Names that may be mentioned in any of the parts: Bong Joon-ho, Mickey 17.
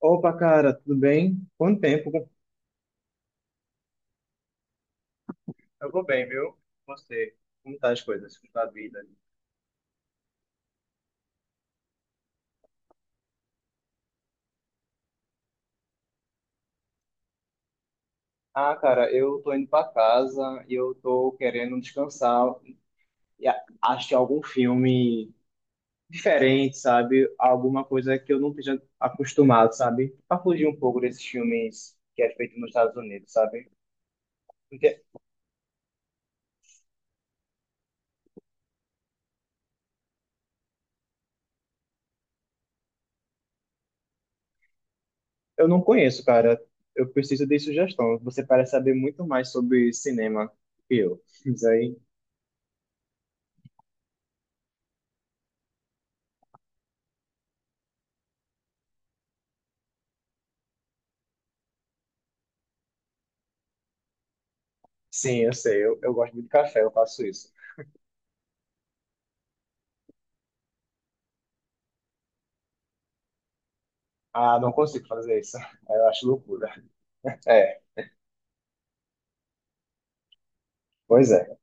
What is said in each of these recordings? Opa, cara, tudo bem? Quanto tempo? Eu vou bem, viu? Você, como tá as coisas, como tá a vida? Ah, cara, eu tô indo pra casa e eu tô querendo descansar e assistir algum filme diferente, sabe? Alguma coisa que eu não esteja acostumado, sabe? Pra fugir um pouco desses filmes que é feito nos Estados Unidos, sabe? Porque eu não conheço, cara. Eu preciso de sugestão. Você parece saber muito mais sobre cinema que eu. Isso aí. Sim, eu sei. Eu gosto muito de café, eu faço isso. Ah, não consigo fazer isso. Eu acho loucura. É, pois é.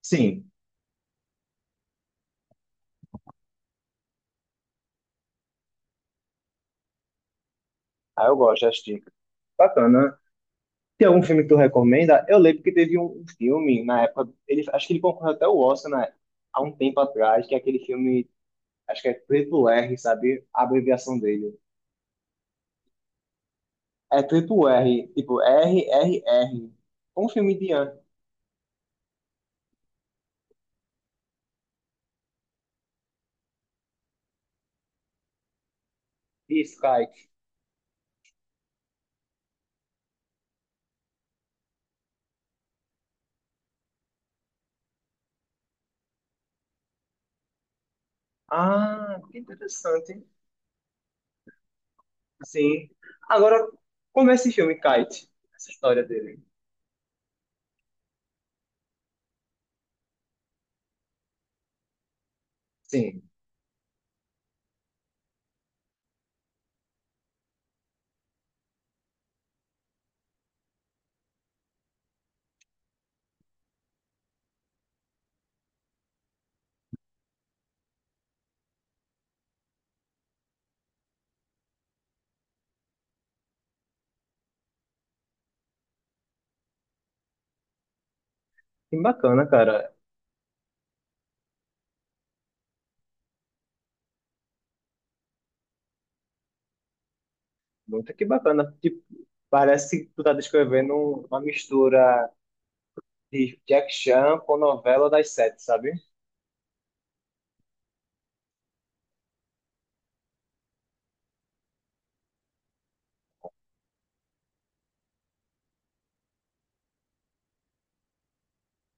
Sim, ah, eu gosto, acho que bacana. Tem algum filme que tu recomenda? Eu lembro que teve um filme na época, ele, acho que ele concorreu até o Oscar, né, há um tempo atrás, que é aquele filme, acho que é Triple R, sabe? A abreviação dele. É Triple R, tipo R, R, R. Um filme de Kite. Ah, que interessante. Sim. Agora, como é esse filme, Kite? Essa história dele. Sim, que bacana, cara. Muito que bacana. Tipo, parece que tu tá descrevendo uma mistura de Jack Chan com novela das sete, sabe?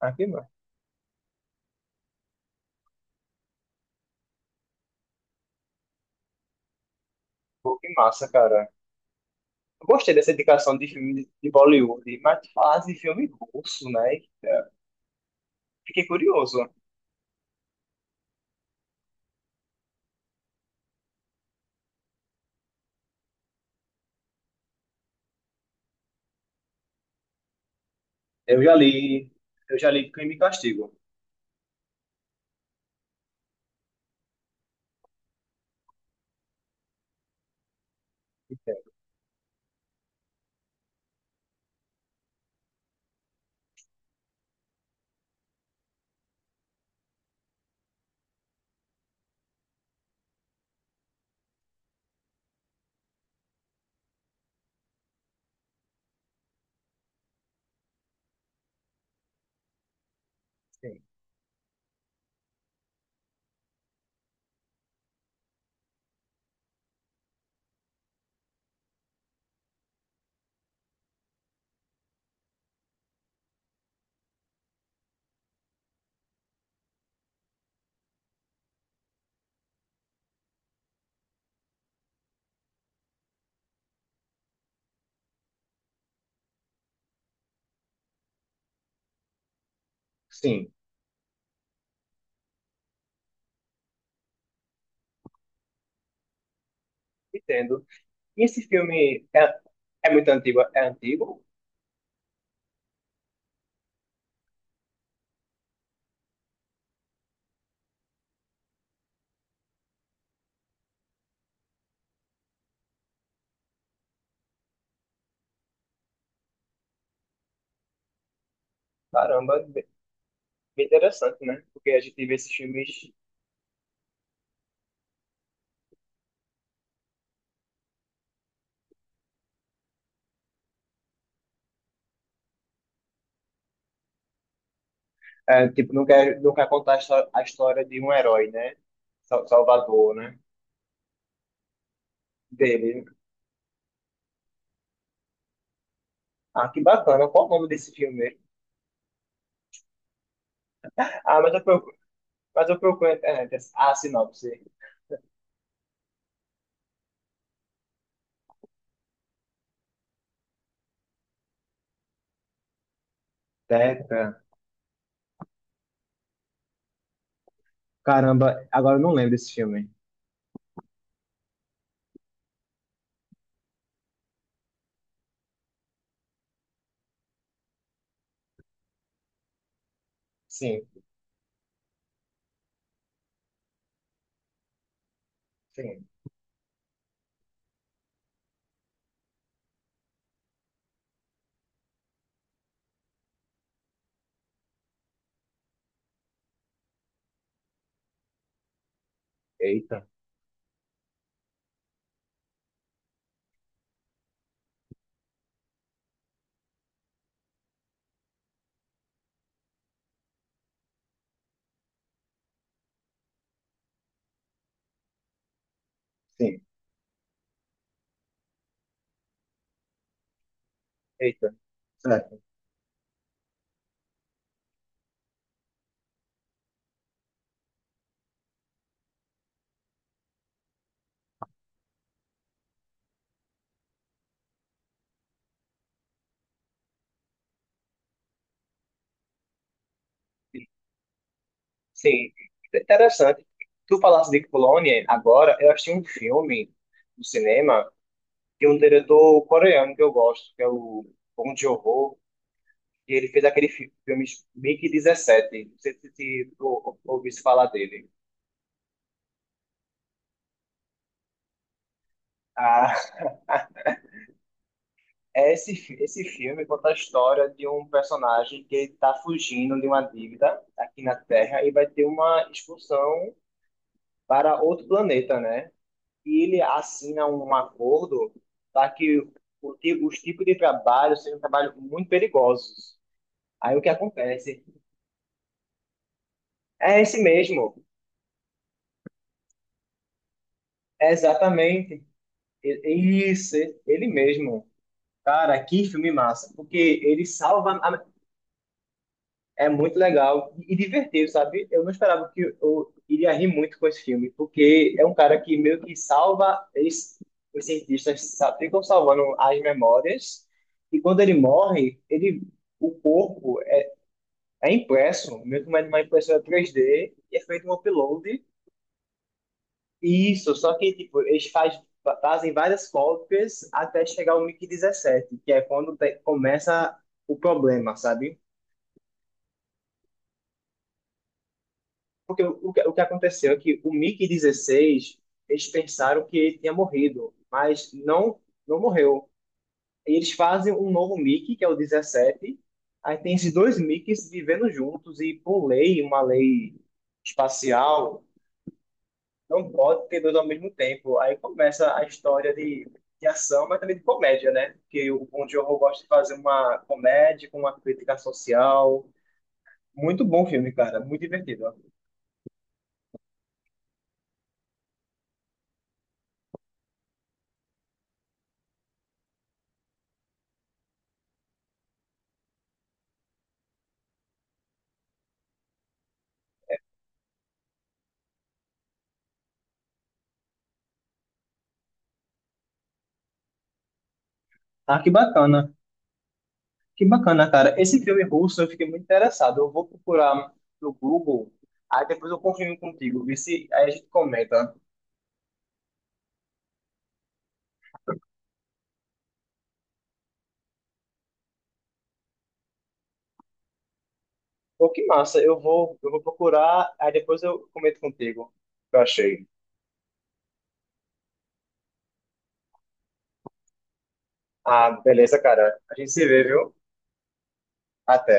Ah, que, ma- pô, que massa, cara. Eu gostei dessa indicação de filme de Bollywood, mas tu falasse de filme russo, né? Fiquei curioso. Eu já li, eu já li Crime e Castigo. Entendo, sim. Sim, entendo. E esse filme é, é muito antigo? É antigo? Caramba, bem bem interessante, né? Porque a gente vê esses filmes. É, tipo, não quer contar a a história de um herói, né? Salvador, né? Dele. Ah, que bacana. Qual o nome desse filme mesmo? Ah, mas eu procuro, mas eu procuro na internet. Ah, sinopse. Teca. Caramba, agora eu não lembro desse filme. Sim, sim. Eita. Sim, eita. Certo. Sim, interessante. Tu falaste de Colônia, agora eu achei um filme no cinema de um diretor coreano que eu gosto, que é o Bong Joon-ho. E ele fez aquele filme Mickey 17. Não sei se tu ouviu se falar dele. Ah, é esse, esse filme conta a história de um personagem que está fugindo de uma dívida aqui na Terra e vai ter uma expulsão para outro planeta, né? E ele assina um acordo para que os tipos de trabalho sejam trabalhos muito perigosos. Aí o que acontece? É esse mesmo, é exatamente. E isso, ele mesmo. Cara, que filme massa, porque ele salva. a- é muito legal e divertido, sabe? Eu não esperava que eu iria rir muito com esse filme, porque é um cara que meio que salva. Eles, ficam salvando as memórias, e quando ele morre, ele, o corpo é impresso, meio que uma impressora 3D, e é feito um upload. Isso, só que tipo, fazem várias cópias até chegar ao MIC-17, que é quando começa o problema, sabe? Porque o que aconteceu é que o Mickey 16 eles pensaram que ele tinha morrido, mas não, não morreu. E eles fazem um novo Mickey que é o 17. Aí tem esses dois MiGs vivendo juntos e, por lei, uma lei espacial, não pode ter dois ao mesmo tempo. Aí começa a história de ação, mas também de comédia, né? Porque o Bong Joon-ho gosta de fazer uma comédia com uma crítica social. Muito bom filme, cara. Muito divertido. Ah, que bacana. Que bacana, cara. Esse filme russo eu fiquei muito interessado. Eu vou procurar no Google, aí depois eu confirmo contigo, vê se aí a gente comenta. Pô, que massa, eu vou procurar, aí depois eu comento contigo o que eu achei. Ah, beleza, cara. A gente se vê, viu? Até.